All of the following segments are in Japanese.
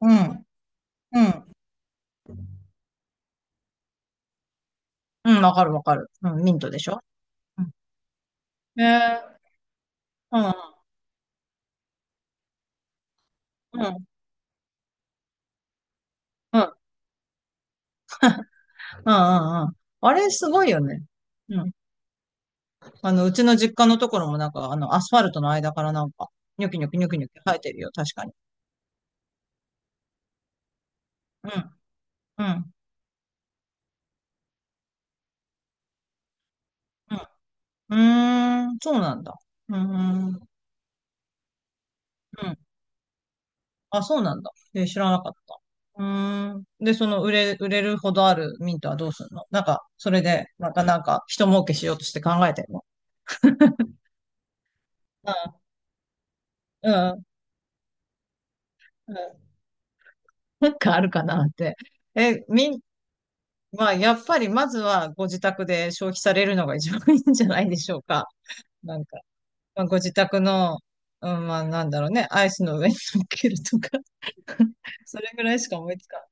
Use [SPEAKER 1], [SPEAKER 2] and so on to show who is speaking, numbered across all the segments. [SPEAKER 1] うん。うん。うん。わかるわかる。うん。ミントでしょ？うん。うん。うん。うん。うん。うんうん。あれ、すごいよね。うん。うちの実家のところもなんか、アスファルトの間からなんか、ニョキニョキニョキニョキ生えてるよ。確かに。うん。うん。うん。うーん。そうなんだ。うーん。うん。あ、そうなんだ。え、知らなかった。うーん。で、売れるほどあるミントはどうすんの？なんか、それで、またなんか、人儲けしようとして考えてるの？うん。うん。うん。なんかあるかなって。え、みん、まあ、やっぱりまずはご自宅で消費されるのが一番いいんじゃないでしょうか。なんか、まあ、ご自宅の、うん、まあ、なんだろうね、アイスの上に乗っけるとか それぐらいしか思いつかない。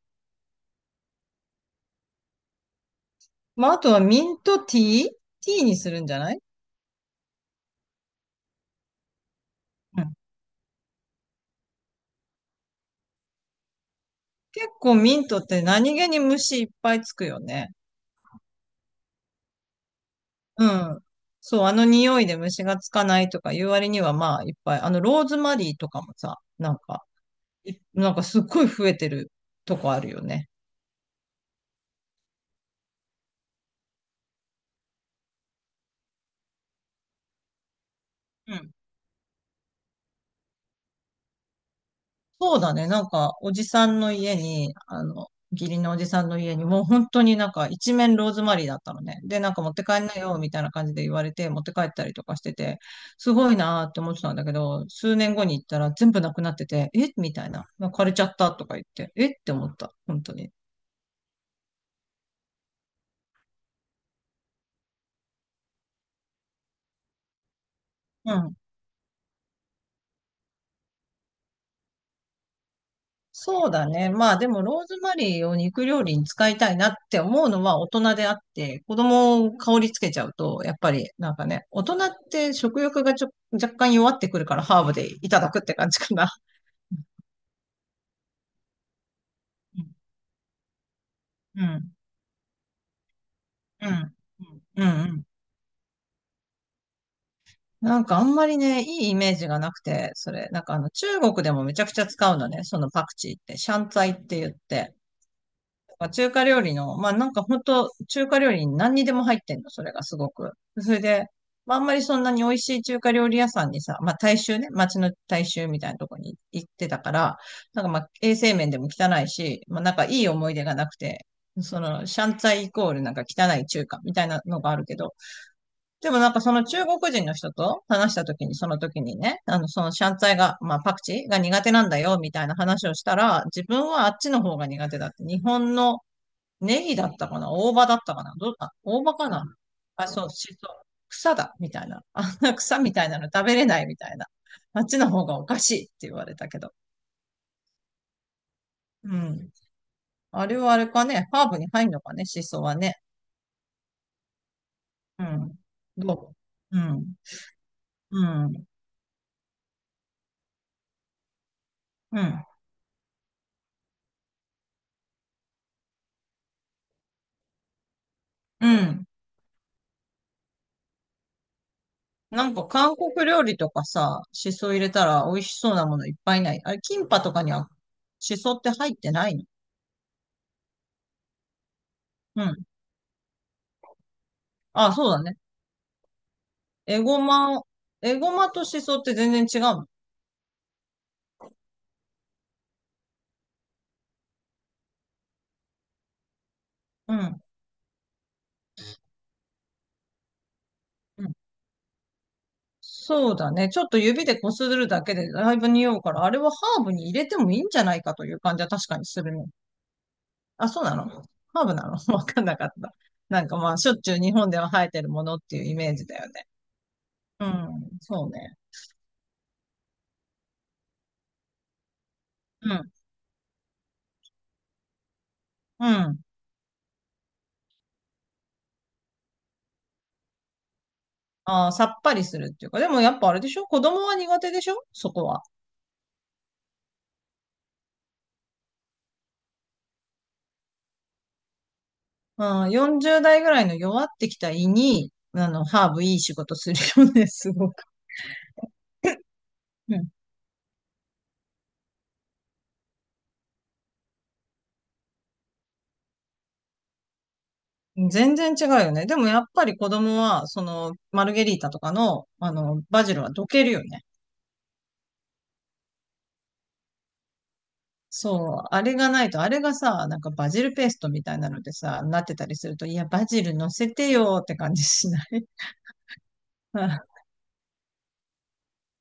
[SPEAKER 1] まあ、あとはミントティー、ティーにするんじゃない？うん。結構ミントって何気に虫いっぱいつくよね。うん。そう、あの匂いで虫がつかないとかいう割にはまあいっぱい。あのローズマリーとかもさ、なんかすっごい増えてるとこあるよね。うん。そうだね。なんか、おじさんの家に、義理のおじさんの家に、もう本当になんか一面ローズマリーだったのね。で、なんか持って帰んなよ、みたいな感じで言われて、持って帰ったりとかしてて、すごいなーって思ってたんだけど、数年後に行ったら全部なくなってて、えみたいな。枯れちゃったとか言って、えって思った。本当に。そうだね。まあでもローズマリーを肉料理に使いたいなって思うのは大人であって、子供を香りつけちゃうと、やっぱりなんかね、大人って食欲が若干弱ってくるからハーブでいただくって感じかな。うん。うん。うん。うんうん。なんかあんまりね、いいイメージがなくて、それ、なんかあの中国でもめちゃくちゃ使うのね、そのパクチーって、シャンツァイって言って。なんか中華料理の、まあなんか本当中華料理に何にでも入ってんの、それがすごく。それで、まああんまりそんなに美味しい中華料理屋さんにさ、まあ大衆ね、街の大衆みたいなとこに行ってたから、なんかまあ衛生面でも汚いし、まあなんかいい思い出がなくて、その、シャンツァイイコールなんか汚い中華みたいなのがあるけど、でもなんかその中国人の人と話した時に、その時にね、そのシャンツァイが、まあパクチーが苦手なんだよみたいな話をしたら、自分はあっちの方が苦手だって、日本のネギだったかな、大葉だったかな、どうだ、大葉かな？あ、そう、しそ。草だ、みたいな。あんな草みたいなの食べれないみたいな。あっちの方がおかしいって言われたけど。うん。あれはあれかね。ハーブに入んのかね、シソはね。うん。どう。うん。うん。うん。うん。なんか韓国料理とかさ、シソ入れたら美味しそうなものいっぱいない？あれ、キンパとかにはシソって入ってないの？うん。あ、そうだね。エゴマ、エゴマとシソって全然違うの？うん。うん。そうだね。ちょっと指でこするだけでだいぶ匂うから、あれはハーブに入れてもいいんじゃないかという感じは確かにするね。あ、そうなの？ハーブなの？ わかんなかった。なんかまあ、しょっちゅう日本では生えてるものっていうイメージだよね。うん、そうね。うん、うん。あー、さっぱりするっていうか、でもやっぱあれでしょ？子供は苦手でしょ？そこは。うん、40代ぐらいの弱ってきた胃に、ハーブいい仕事するよね、すごく。全然違うよね。でもやっぱり子供は、マルゲリータとかの、バジルはどけるよね。そう、あれがないと、あれがさ、なんかバジルペーストみたいなのでさ、なってたりすると、いや、バジル乗せてよーって感じしない？ うん、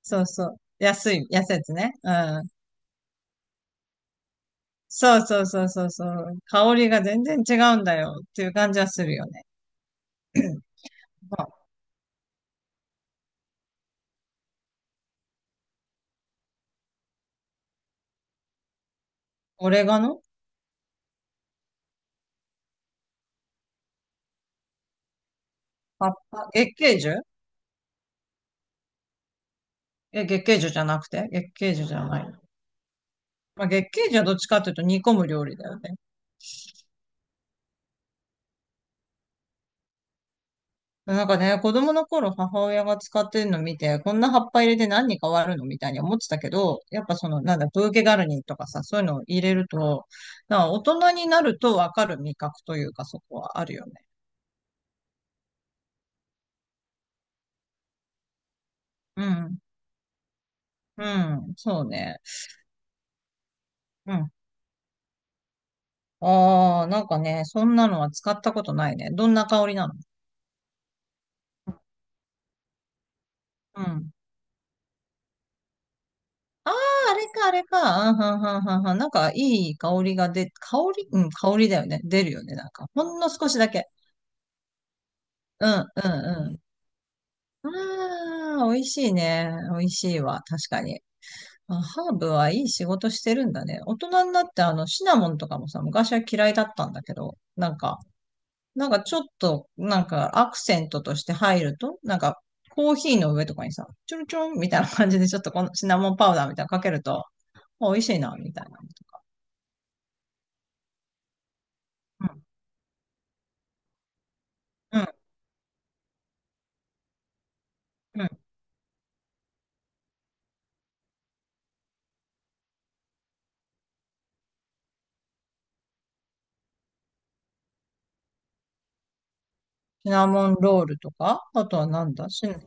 [SPEAKER 1] そうそう。安いやつね。うん。そうそうそうそうそう。香りが全然違うんだよっていう感じはするよね。まあ、オレガノ？葉っぱ、月桂樹？え、月桂樹じゃなくて、月桂樹じゃない？まあ、月桂樹はどっちかというと煮込む料理だよね。なんかね、子供の頃母親が使ってるの見て、こんな葉っぱ入れて何に変わるのみたいに思ってたけど、やっぱその、なんだ、ブーケガルニとかさ、そういうのを入れると、なんか大人になるとわかる味覚というか、そこはあるよね。うん。うん。そうね。うん。ああ、なんかね、そんなのは使ったことないね。どんな香りなの？うん。ああ、あれか、あれか。うん、はんはんはんはん。なんか、いい香り、うん、香りだよね。出るよね。なんか、ほんの少しだけ。うん、うん、ああ、美味しいね。美味しいわ。確かに。あ、ハーブはいい仕事してるんだね。大人になってあのシナモンとかもさ、昔は嫌いだったんだけど、なんか、ちょっと、なんかアクセントとして入ると、なんかコーヒーの上とかにさ、ちょろちょろみたいな感じでちょっとこのシナモンパウダーみたいなのかけると、あ美味しいな、みたいなのとか。うん、うん、うん。シナモンロールとか、あとはなんだ、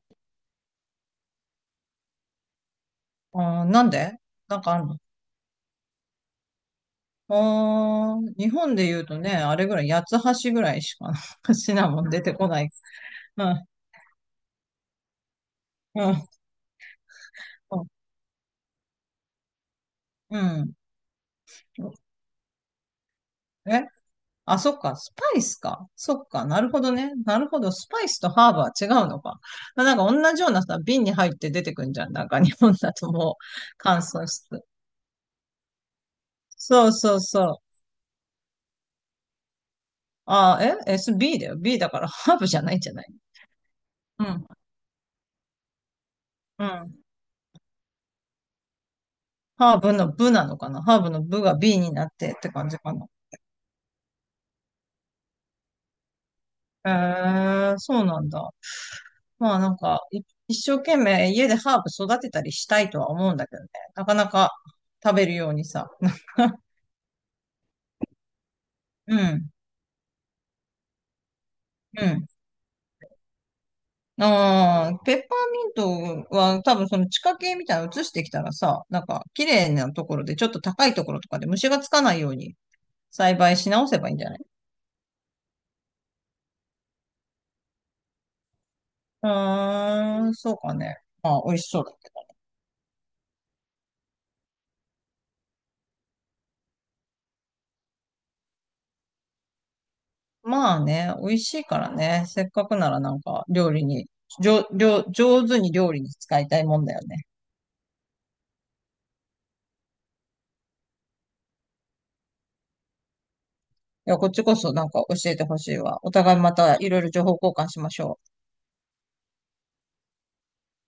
[SPEAKER 1] なんで？なんかあるの？あー、日本で言うとね、あれぐらい、八つ橋ぐらいしか シナモン 出てこない。うん、うん、うん。うん。え、あ、そっか、スパイスか。そっか、なるほどね。なるほど、スパイスとハーブは違うのか。なんか同じようなさ、瓶に入って出てくんじゃん。なんか日本だともう乾燥して。そうそうそう。あー、え？ SB だよ。B だからハーブじゃないんじゃない？うん、うん。ハーブの部なのかな？ハーブの部が B になってって感じかな。そうなんだ。まあなんか、一生懸命家でハーブ育てたりしたいとは思うんだけどね。なかなか食べるようにさ。うん、うん。ああ、ペッパーミントは多分その地下茎みたいなの移してきたらさ、なんか綺麗なところでちょっと高いところとかで虫がつかないように栽培し直せばいいんじゃない？うーん、そうかね。まあ、美味しそうだ。まあね、美味しいからね。せっかくならなんか料理に、じょ、料上手に料理に使いたいもんだよね。いや、こっちこそなんか教えてほしいわ。お互いまたいろいろ情報交換しましょう。